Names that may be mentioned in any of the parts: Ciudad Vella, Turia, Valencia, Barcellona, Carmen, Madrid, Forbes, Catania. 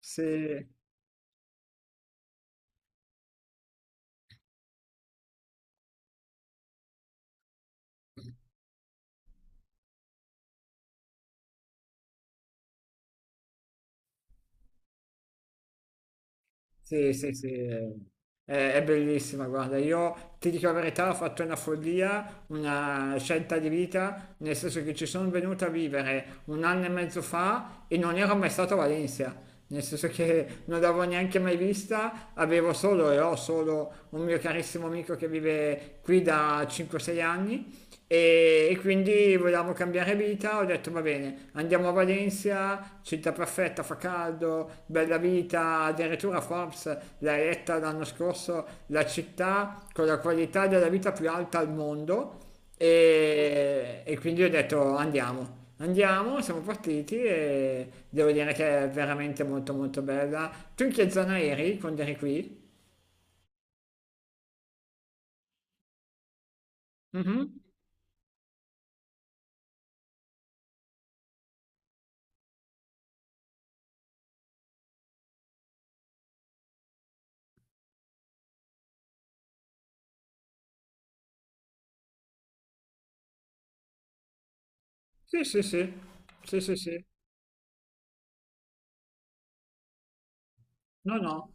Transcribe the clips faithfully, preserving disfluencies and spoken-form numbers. Sì, sì, sì, sì, è, è bellissima, guarda, io ti dico la verità, ho fatto una follia, una scelta di vita, nel senso che ci sono venuta a vivere un anno e mezzo fa e non ero mai stato a Valencia, nel senso che non l'avevo neanche mai vista, avevo solo e ho solo un mio carissimo amico che vive qui da cinque o sei anni. E, e quindi volevamo cambiare vita, ho detto va bene, andiamo a Valencia, città perfetta, fa caldo, bella vita, addirittura Forbes l'ha eletta l'anno scorso la città con la qualità della vita più alta al mondo. E, e quindi ho detto andiamo. Andiamo, siamo partiti e devo dire che è veramente molto molto bella. Tu in che zona eri quando eri qui? Mhm. Sì, sì, sì, sì, sì, sì. No, no.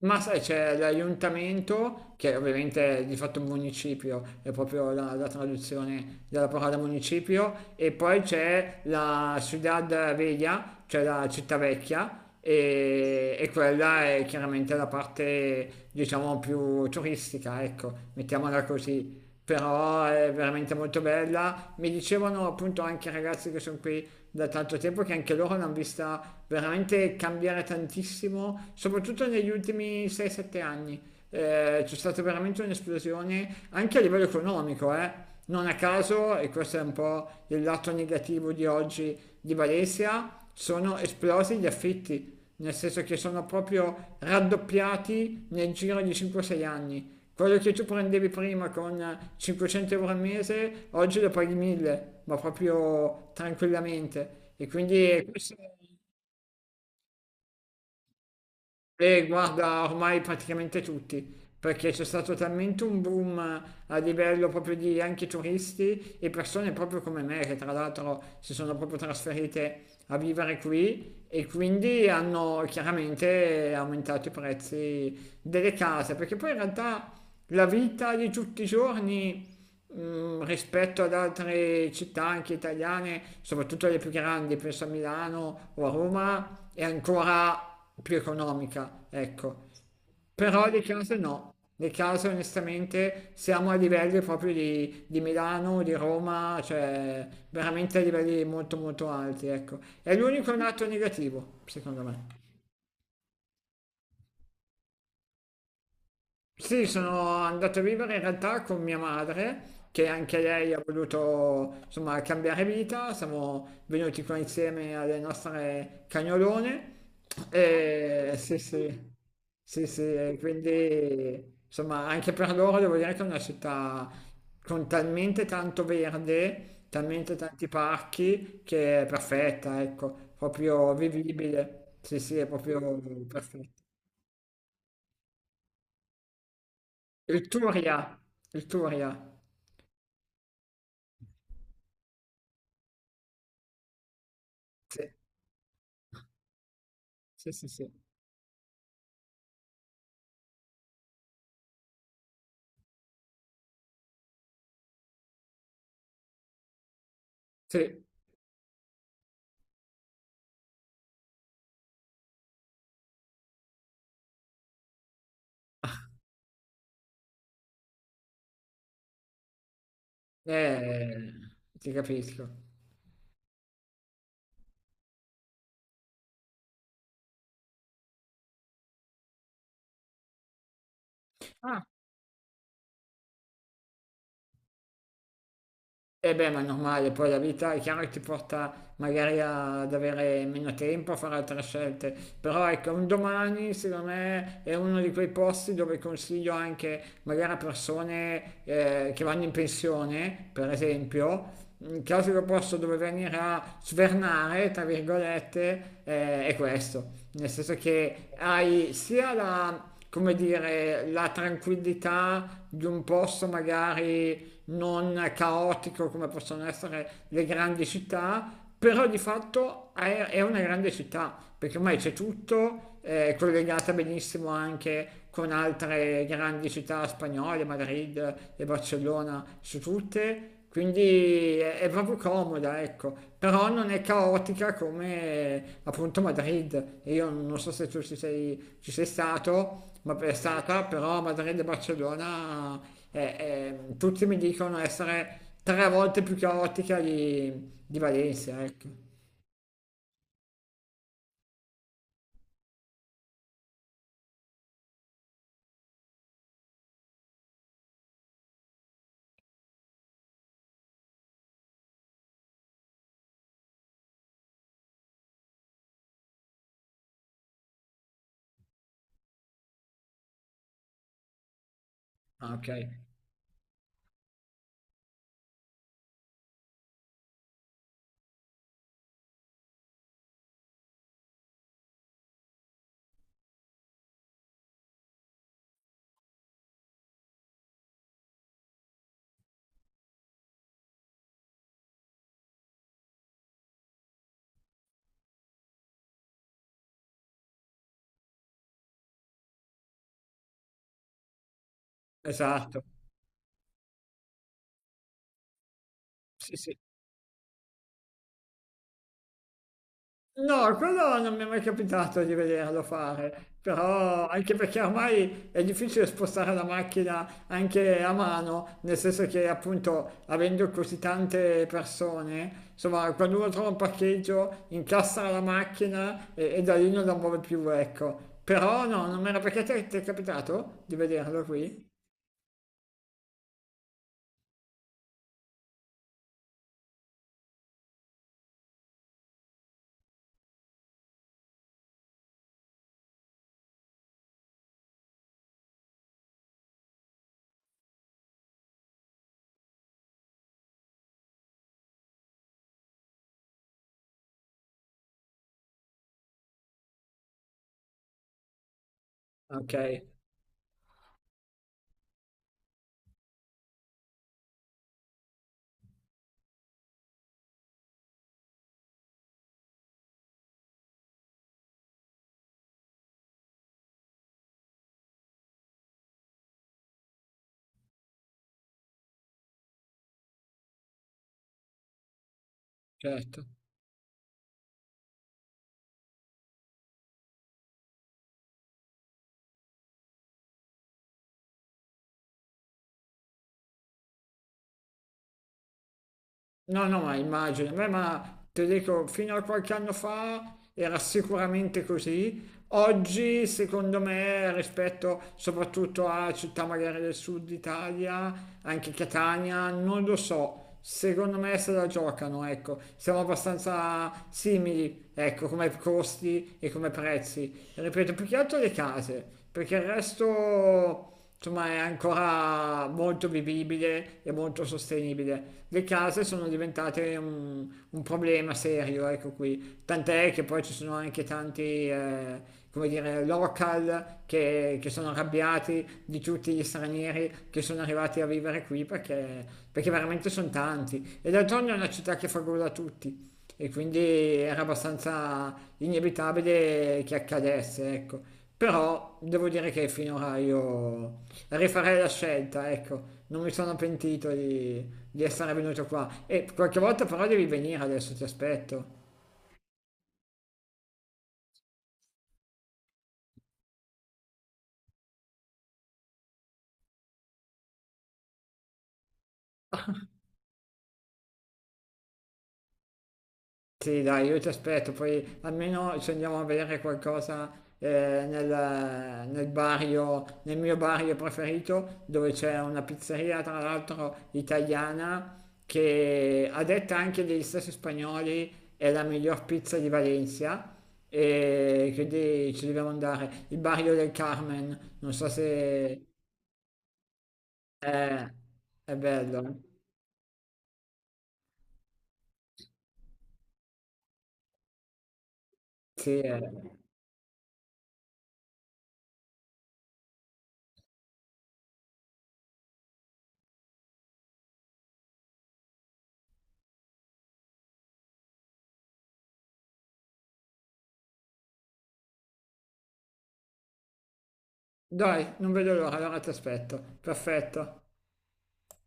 Ma sai, c'è l'aiuntamento, che ovviamente è di fatto un municipio, è proprio la, la traduzione della parola municipio, e poi c'è la Ciudad Vella, cioè la città vecchia, e, e quella è chiaramente la parte, diciamo, più turistica, ecco, mettiamola così, però è veramente molto bella. Mi dicevano appunto anche i ragazzi che sono qui da tanto tempo che anche loro l'hanno vista veramente cambiare tantissimo, soprattutto negli ultimi sei sette anni. Eh, c'è stata veramente un'esplosione anche a livello economico, eh. Non a caso, e questo è un po' il lato negativo di oggi di Valencia, sono esplosi gli affitti, nel senso che sono proprio raddoppiati nel giro di cinque o sei anni. Quello che tu prendevi prima con cinquecento euro al mese, oggi lo paghi mille, ma proprio tranquillamente. E quindi questo. E guarda, ormai praticamente tutti, perché c'è stato talmente un boom a livello proprio di anche turisti e persone proprio come me, che tra l'altro si sono proprio trasferite a vivere qui e quindi hanno chiaramente aumentato i prezzi delle case, perché poi in realtà la vita di tutti i giorni, mm, rispetto ad altre città anche italiane, soprattutto le più grandi, penso a Milano o a Roma, è ancora più economica, ecco. Però le case no, le case onestamente siamo a livelli proprio di, di, Milano, di Roma, cioè veramente a livelli molto molto alti, ecco. È l'unico lato negativo, secondo me. Sì, sono andato a vivere in realtà con mia madre, che anche lei ha voluto insomma cambiare vita. Siamo venuti qua insieme alle nostre cagnolone. E sì, sì, sì, sì, e quindi insomma anche per loro devo dire che è una città con talmente tanto verde, talmente tanti parchi, che è perfetta, ecco, proprio vivibile. Sì, sì, è proprio perfetta. Il Turia, il Turia. Sì, sì, sì, sì. Sì, eh, ti capisco. Ah. E beh, ma è normale, poi la vita è chiaro che ti porta magari a- ad avere meno tempo, a fare altre scelte, però ecco, un domani secondo me è uno di quei posti dove consiglio anche magari a persone eh, che vanno in pensione, per esempio, un classico posto dove venire a svernare, tra virgolette, eh, è questo, nel senso che hai sia la, come dire, la tranquillità di un posto magari non caotico come possono essere le grandi città, però di fatto è, è, una grande città, perché ormai c'è tutto, è collegata benissimo anche con altre grandi città spagnole, Madrid e Barcellona su tutte, quindi è, è proprio comoda, ecco, però non è caotica come appunto Madrid. E io non so se tu ci sei, ci sei stato, ma è stata, però Madrid e Barcellona eh, eh, tutti mi dicono essere tre volte più caotica di, di Valencia, ecco. Ah, ok, esatto. Sì, sì. No, quello non mi è mai capitato di vederlo fare, però anche perché ormai è difficile spostare la macchina anche a mano, nel senso che appunto avendo così tante persone, insomma, quando uno trova un parcheggio, incassa la macchina e, e da lì non la muove più, ecco. Però no, non mi era perché te- ti è capitato di vederlo qui? Ok, certo. No, no, ma immagino. Beh, ma ti dico, fino a qualche anno fa era sicuramente così. Oggi, secondo me, rispetto soprattutto a città magari del sud Italia, anche Catania, non lo so. Secondo me se la giocano, ecco, siamo abbastanza simili, ecco, come costi e come prezzi. Ripeto, più che altro le case, perché il resto insomma è ancora molto vivibile e molto sostenibile. Le case sono diventate un, un problema serio, ecco qui, tant'è che poi ci sono anche tanti, eh, come dire, local che, che sono arrabbiati di tutti gli stranieri che sono arrivati a vivere qui perché, perché veramente sono tanti. E d'altronde è una città che fa gola a tutti. E quindi era abbastanza inevitabile che accadesse, ecco. Però devo dire che finora io rifarei la scelta, ecco. Non mi sono pentito di, di, essere venuto qua. E qualche volta però devi venire adesso, ti aspetto. Sì, dai, io ti aspetto, poi almeno ci andiamo a bere qualcosa eh, nel, nel barrio, nel mio barrio preferito, dove c'è una pizzeria, tra l'altro italiana, che a detta anche degli stessi spagnoli è la miglior pizza di Valencia. E quindi ci dobbiamo andare. Il barrio del Carmen, non so se è, è, bello, eh? Sì, è- Dai, non vedo l'ora, allora ti aspetto. Perfetto.